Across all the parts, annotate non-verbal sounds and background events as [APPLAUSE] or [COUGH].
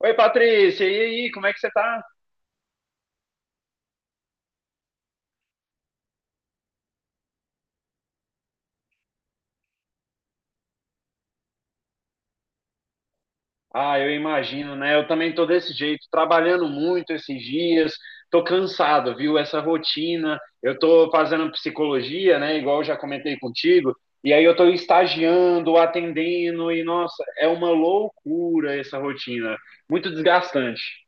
Oi, Patrícia, e aí, como é que você tá? Ah, eu imagino, né? Eu também tô desse jeito, trabalhando muito esses dias, tô cansado, viu? Essa rotina, eu tô fazendo psicologia, né? Igual eu já comentei contigo, e aí eu tô estagiando, atendendo, e nossa, é uma loucura essa rotina, muito desgastante.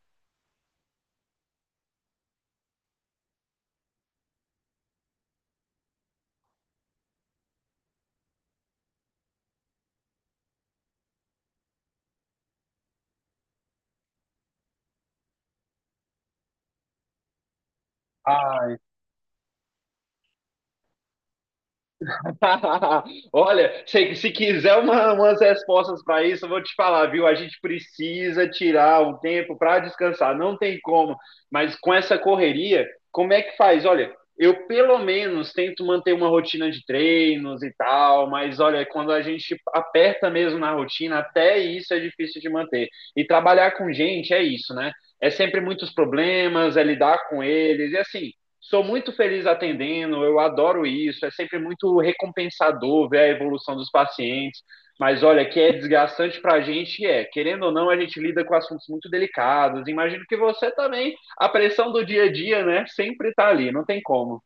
[LAUGHS] Olha, se quiser umas respostas para isso, eu vou te falar, viu? A gente precisa tirar um tempo para descansar, não tem como. Mas com essa correria, como é que faz? Olha, eu pelo menos tento manter uma rotina de treinos e tal, mas olha, quando a gente aperta mesmo na rotina, até isso é difícil de manter. E trabalhar com gente é isso, né? É sempre muitos problemas, é lidar com eles, e assim sou muito feliz atendendo, eu adoro isso, é sempre muito recompensador ver a evolução dos pacientes. Mas olha, que é desgastante para a gente, é. Querendo ou não, a gente lida com assuntos muito delicados. Imagino que você também, a pressão do dia a dia, né, sempre está ali, não tem como.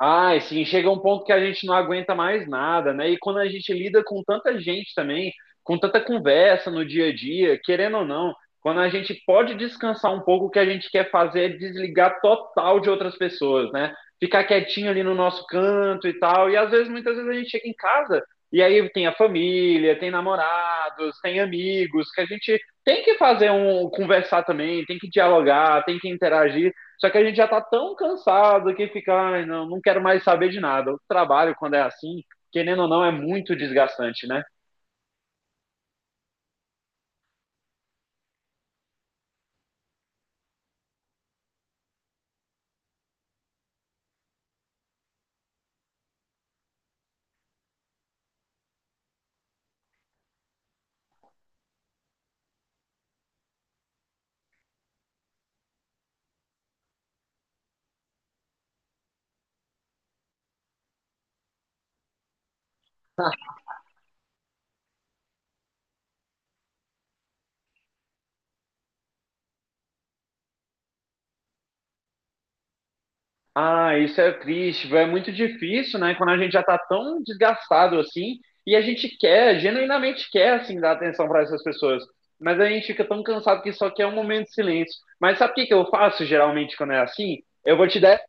Ah, assim, chega um ponto que a gente não aguenta mais nada, né? E quando a gente lida com tanta gente também, com tanta conversa no dia a dia, querendo ou não, quando a gente pode descansar um pouco, o que a gente quer fazer é desligar total de outras pessoas, né? Ficar quietinho ali no nosso canto e tal. E às vezes, muitas vezes a gente chega em casa e aí tem a família, tem namorados, tem amigos, que a gente tem que fazer um conversar também, tem que dialogar, tem que interagir. Só que a gente já tá tão cansado que fica, ai, não, não quero mais saber de nada. O trabalho, quando é assim, querendo ou não, é muito desgastante, né? Ah, isso é triste, é muito difícil, né? Quando a gente já tá tão desgastado assim, e a gente quer, genuinamente quer, assim, dar atenção para essas pessoas. Mas a gente fica tão cansado que só quer um momento de silêncio. Mas sabe o que que eu faço geralmente quando é assim? Eu vou te dar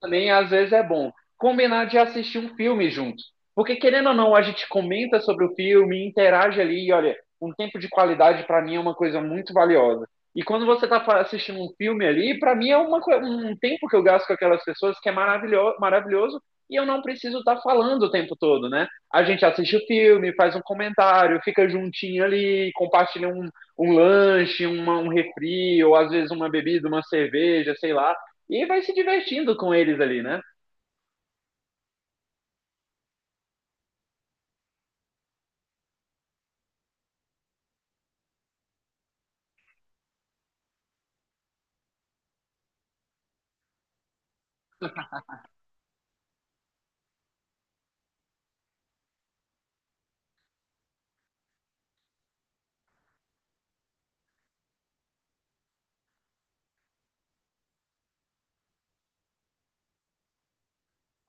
também às vezes é bom combinar de assistir um filme junto. Porque querendo ou não, a gente comenta sobre o filme, interage ali e olha, um tempo de qualidade para mim é uma coisa muito valiosa. E quando você assistindo um filme ali, para mim é uma, um tempo que eu gasto com aquelas pessoas que é maravilhoso e eu não preciso estar falando o tempo todo, né? A gente assiste o filme, faz um comentário, fica juntinho ali, compartilha um, um lanche, uma, um refri, ou às vezes uma bebida, uma cerveja, sei lá e vai se divertindo com eles ali, né?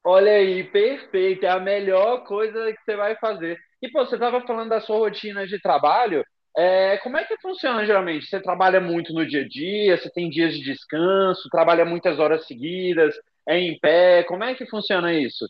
Olha aí, perfeito, é a melhor coisa que você vai fazer. E, pô, você estava falando da sua rotina de trabalho. É, como é que funciona geralmente? Você trabalha muito no dia a dia, você tem dias de descanso, trabalha muitas horas seguidas, é em pé, como é que funciona isso?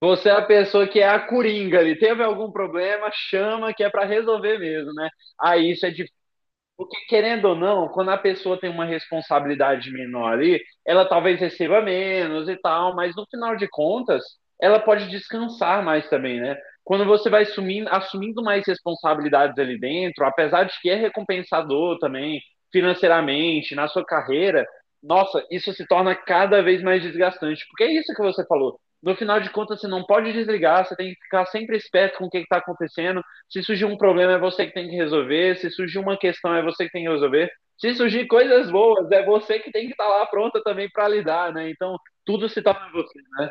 Você é a pessoa que é a coringa ali, teve algum problema, chama que é para resolver mesmo, né? Aí isso é de. Porque, querendo ou não, quando a pessoa tem uma responsabilidade menor ali, ela talvez receba menos e tal, mas no final de contas, ela pode descansar mais também, né? Quando você vai sumindo, assumindo mais responsabilidades ali dentro, apesar de que é recompensador também, financeiramente, na sua carreira, nossa, isso se torna cada vez mais desgastante. Porque é isso que você falou. No final de contas, você não pode desligar, você tem que ficar sempre esperto com o que está acontecendo, se surgir um problema, é você que tem que resolver. Se surgir uma questão, é você que tem que resolver. Se surgir coisas boas, é você que tem que estar lá pronta também para lidar, né? Então, tudo se torna você, né?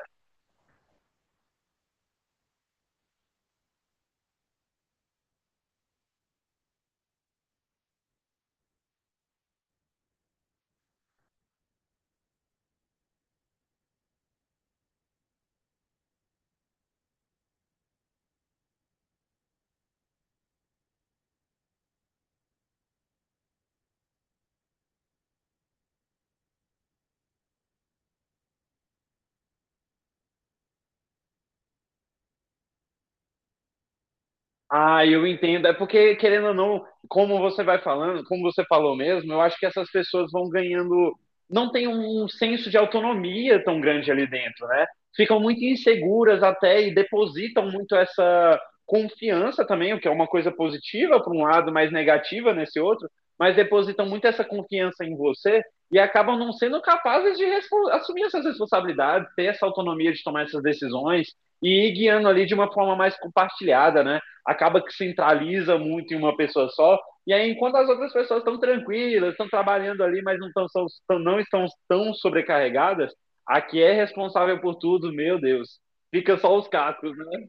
Ah, eu entendo. É porque, querendo ou não, como você vai falando, como você falou mesmo, eu acho que essas pessoas vão ganhando. Não tem um senso de autonomia tão grande ali dentro, né? Ficam muito inseguras até e depositam muito essa confiança também, o que é uma coisa positiva por um lado, mas negativa nesse outro, mas depositam muito essa confiança em você e acabam não sendo capazes de assumir essas responsabilidades, ter essa autonomia de tomar essas decisões e ir guiando ali de uma forma mais compartilhada, né? Acaba que centraliza muito em uma pessoa só. E aí, enquanto as outras pessoas estão tranquilas, estão trabalhando ali, não estão tão sobrecarregadas, a que é responsável por tudo, meu Deus, fica só os cacos, né?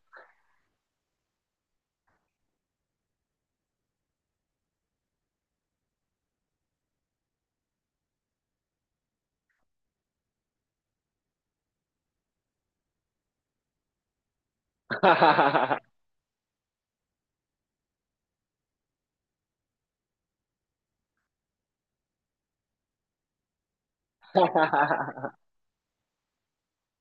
[LAUGHS]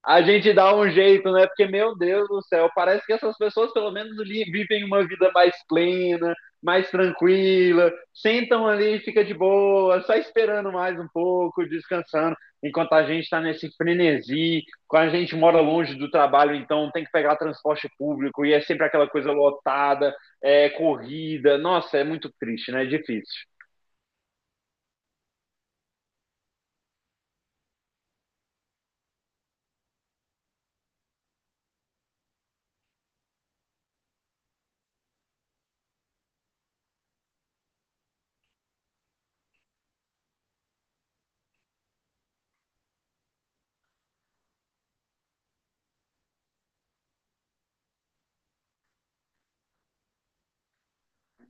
A gente dá um jeito, né? Porque, meu Deus do céu, parece que essas pessoas pelo menos vivem uma vida mais plena, mais tranquila, sentam ali, fica de boa, só esperando mais um pouco, descansando, enquanto a gente está nesse frenesi, quando a gente mora longe do trabalho, então tem que pegar transporte público e é sempre aquela coisa lotada, é corrida. Nossa, é muito triste, né? É difícil.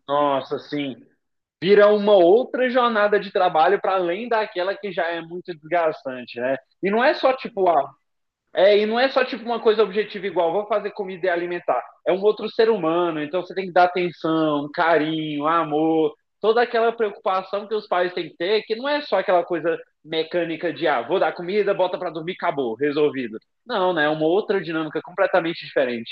Nossa, sim. Vira uma outra jornada de trabalho para além daquela que já é muito desgastante, né? E não é só tipo, ah, e não é só tipo uma coisa objetiva igual, vou fazer comida e alimentar. É um outro ser humano, então você tem que dar atenção, carinho, amor, toda aquela preocupação que os pais têm que ter, que não é só aquela coisa mecânica de ah, vou dar comida, bota para dormir, acabou, resolvido. Não, né? É uma outra dinâmica completamente diferente.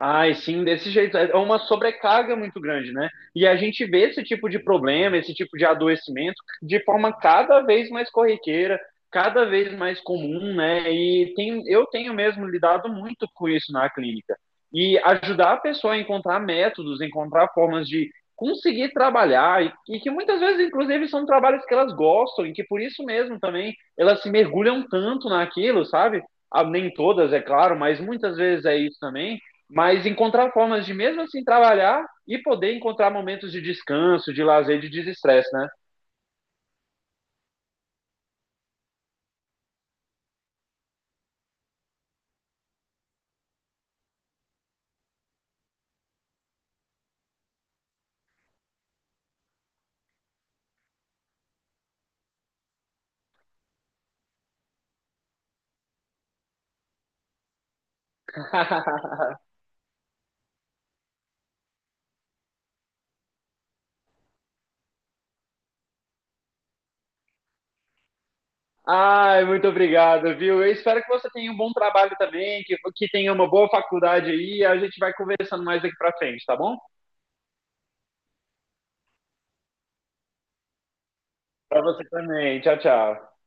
Ai, sim, desse jeito. É uma sobrecarga muito grande, né? E a gente vê esse tipo de problema, esse tipo de adoecimento, de forma cada vez mais corriqueira, cada vez mais comum, né? E tem, eu tenho mesmo lidado muito com isso na clínica. E ajudar a pessoa a encontrar métodos, encontrar formas de conseguir trabalhar, e que muitas vezes, inclusive, são trabalhos que elas gostam, e que por isso mesmo também elas se mergulham tanto naquilo, sabe? Ah, nem todas, é claro, mas muitas vezes é isso também, mas encontrar formas de mesmo assim trabalhar e poder encontrar momentos de descanso, de lazer, de desestresse, né? [LAUGHS] Ai, muito obrigado, viu? Eu espero que você tenha um bom trabalho também, que tenha uma boa faculdade aí. A gente vai conversando mais daqui para frente, tá bom? Para você também. Tchau, tchau.